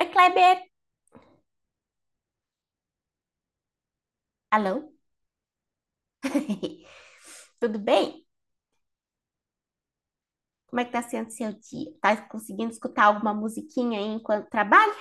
Oi, Kleber! Alô? Tudo bem? Como é que tá sendo seu dia? Tá conseguindo escutar alguma musiquinha aí enquanto trabalha?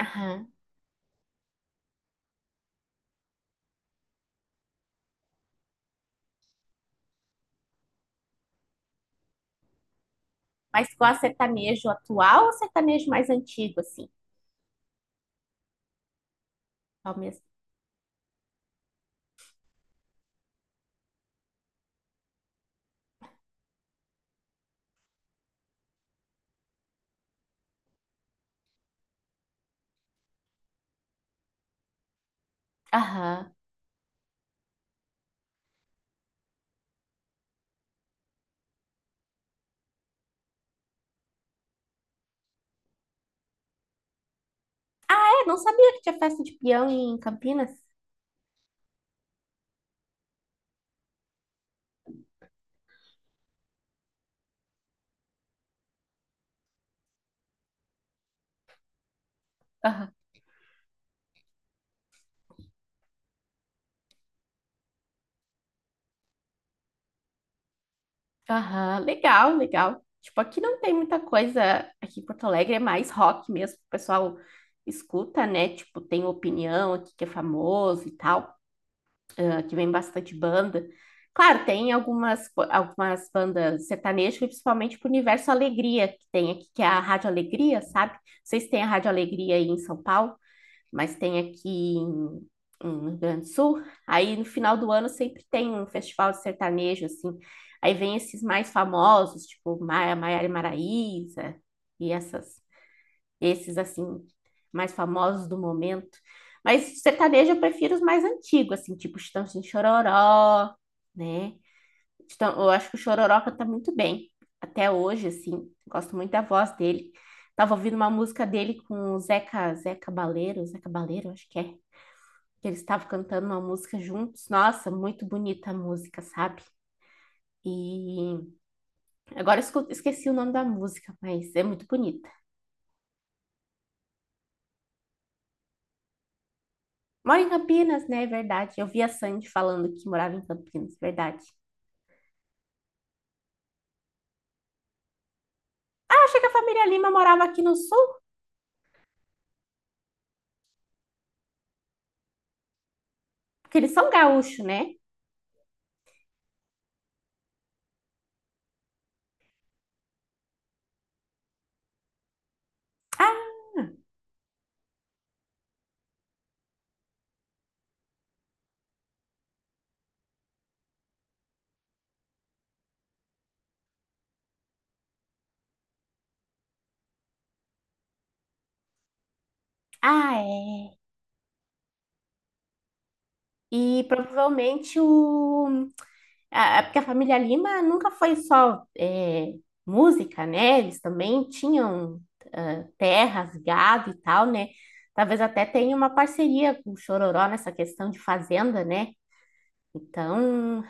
Aham. Mas gosta de sertanejo atual ou sertanejo mais antigo, assim? Ao mesmo. Aham. É, não sabia que tinha festa de peão em Campinas. Aham. Aham, legal, legal. Tipo, aqui não tem muita coisa. Aqui em Porto Alegre é mais rock mesmo, que o pessoal escuta, né? Tipo, tem opinião aqui que é famoso e tal. Ah, que vem bastante banda. Claro, tem algumas bandas sertanejas, principalmente pro Universo Alegria, que tem aqui, que é a Rádio Alegria, sabe? Não sei se tem a Rádio Alegria aí em São Paulo, mas tem aqui em Rio Grande do Sul. Aí no final do ano sempre tem um festival de sertanejo, assim. Aí vem esses mais famosos, tipo Maiara e Maraíza e essas esses assim mais famosos do momento. Mas sertanejo eu prefiro os mais antigos, assim, tipo Chitãozinho e Chororó, né? Então eu acho que o Chororó canta muito bem, até hoje, assim, gosto muito da voz dele. Tava ouvindo uma música dele com o Zeca Baleiro, acho que é, que eles estavam cantando uma música juntos. Nossa, muito bonita a música, sabe? E agora eu esqueci o nome da música, mas é muito bonita. Mora em Campinas, né? É verdade. Eu vi a Sandy falando que morava em Campinas, verdade. Ah, achei que a família Lima morava aqui no sul, porque eles são gaúchos, né? Ah, é. E provavelmente o. Ah, porque a família Lima nunca foi só música, né? Eles também tinham ah, terras, gado e tal, né? Talvez até tenha uma parceria com o Chororó nessa questão de fazenda, né? Então,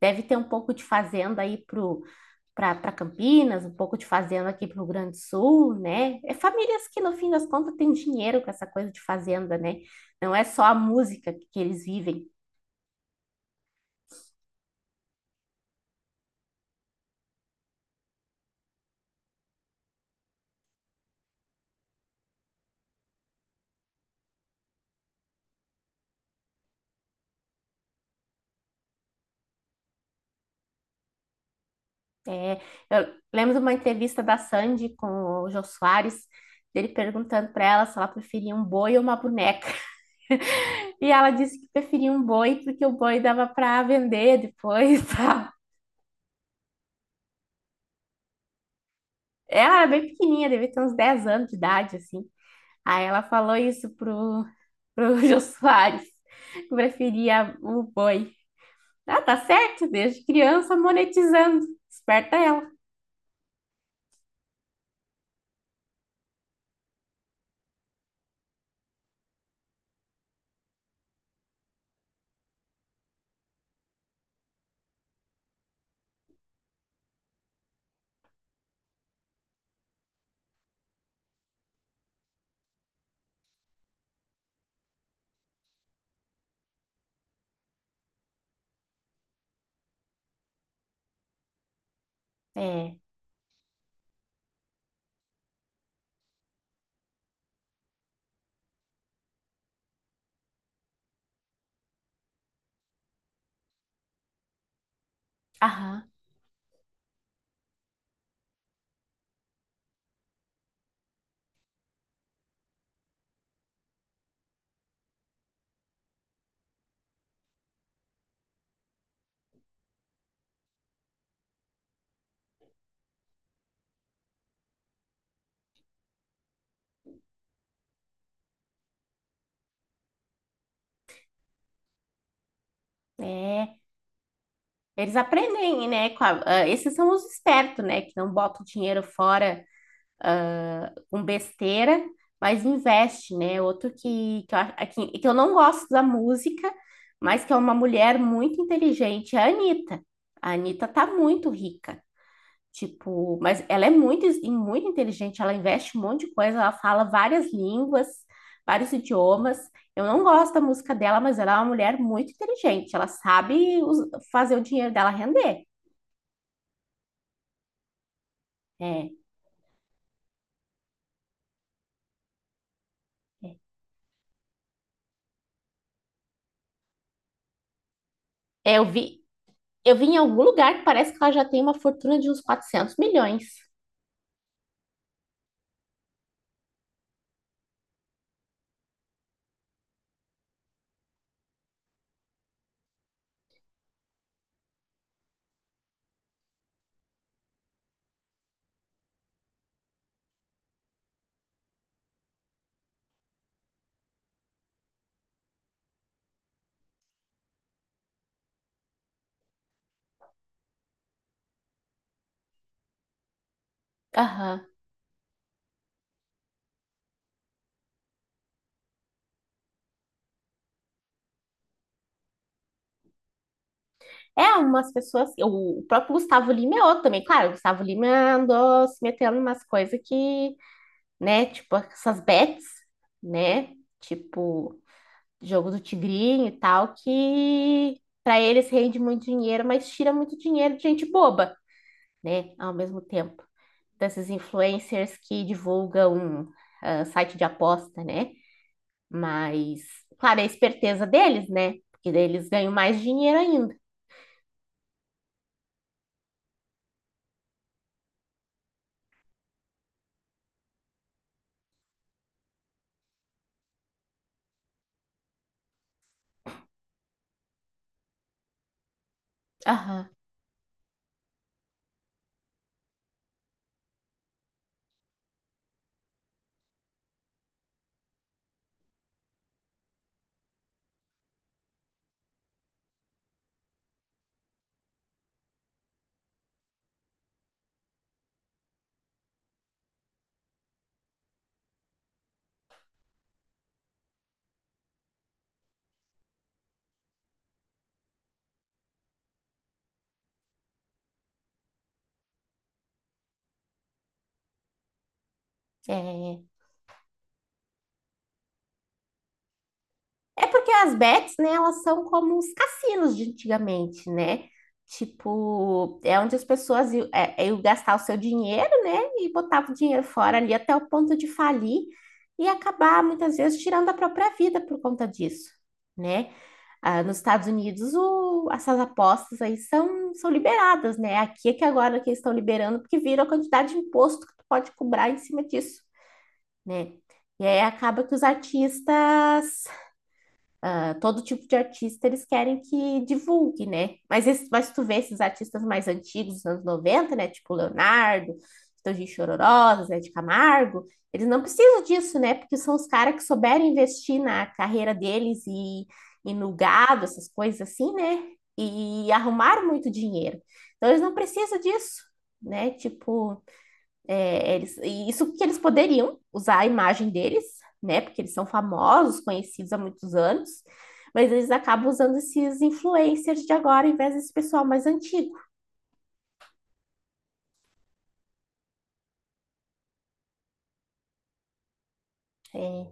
deve ter um pouco de fazenda aí pro para Campinas, um pouco de fazenda aqui para o Rio Grande do Sul, né? É famílias que, no fim das contas, têm dinheiro com essa coisa de fazenda, né? Não é só a música que eles vivem. Eu lembro de uma entrevista da Sandy com o Jô Soares, dele perguntando para ela se ela preferia um boi ou uma boneca. E ela disse que preferia um boi porque o boi dava para vender depois, tá? Ela era bem pequenininha, devia ter uns 10 anos de idade, assim. Aí ela falou isso pro Jô Soares, que preferia o boi. Ah, tá certo, desde criança monetizando. Esperta ela. É, aham, é. Eles aprendem, né? Ah, esses são os espertos, né? Que não botam dinheiro fora com besteira, mas investe, né? Outro que eu não gosto da música, mas que é uma mulher muito inteligente, é a Anitta. A Anitta tá muito rica. Tipo, mas ela é muito inteligente, ela investe um monte de coisa, ela fala várias línguas, vários idiomas. Eu não gosto da música dela, mas ela é uma mulher muito inteligente, ela sabe fazer o dinheiro dela render. É, é. É, eu vi em algum lugar que parece que ela já tem uma fortuna de uns 400 milhões. Aham. É, umas pessoas. O próprio Gustavo Lima é outro também. Claro, o Gustavo Lima andou se metendo em umas coisas que, né, tipo, essas bets, né? Tipo, jogo do Tigrinho e tal, que para eles rende muito dinheiro, mas tira muito dinheiro de gente boba, né? Ao mesmo tempo, desses influencers que divulgam ah, site de aposta, né? Mas, claro, é a esperteza deles, né? Porque daí eles ganham mais dinheiro ainda. Aham. É. É porque as bets, né, elas são como os cassinos de antigamente, né? Tipo, é onde as pessoas iam, iam gastar o seu dinheiro, né? E botavam o dinheiro fora ali até o ponto de falir e acabar, muitas vezes, tirando a própria vida por conta disso, né? Ah, nos Estados Unidos, essas apostas aí são liberadas, né? Aqui é que agora que eles estão liberando, porque viram a quantidade de imposto que tu pode cobrar em cima disso, né? E aí acaba que os artistas ah, todo tipo de artista eles querem que divulgue, né? Mas, esse, mas tu vê esses artistas mais antigos, dos anos 90 né? Tipo Leonardo, Tangin Chororó, Zé de Camargo, eles não precisam disso, né? Porque são os caras que souberam investir na carreira deles e no gado, essas coisas assim, né? E arrumaram muito dinheiro. Então eles não precisam disso, né? Tipo, é, eles, e isso que eles poderiam usar a imagem deles, né? Porque eles são famosos, conhecidos há muitos anos, mas eles acabam usando esses influencers de agora em vez desse pessoal mais antigo. É,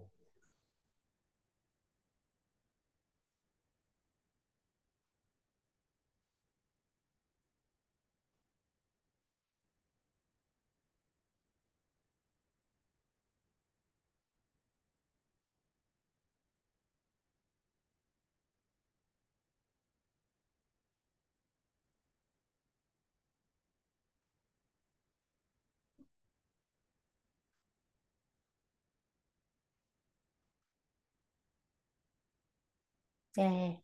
é,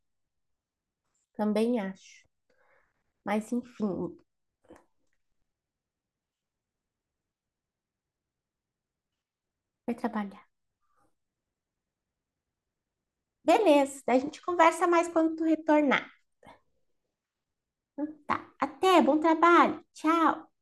também acho. Mas enfim, vai trabalhar. Beleza, daí a gente conversa mais quando tu retornar, tá? Até, bom trabalho, tchau!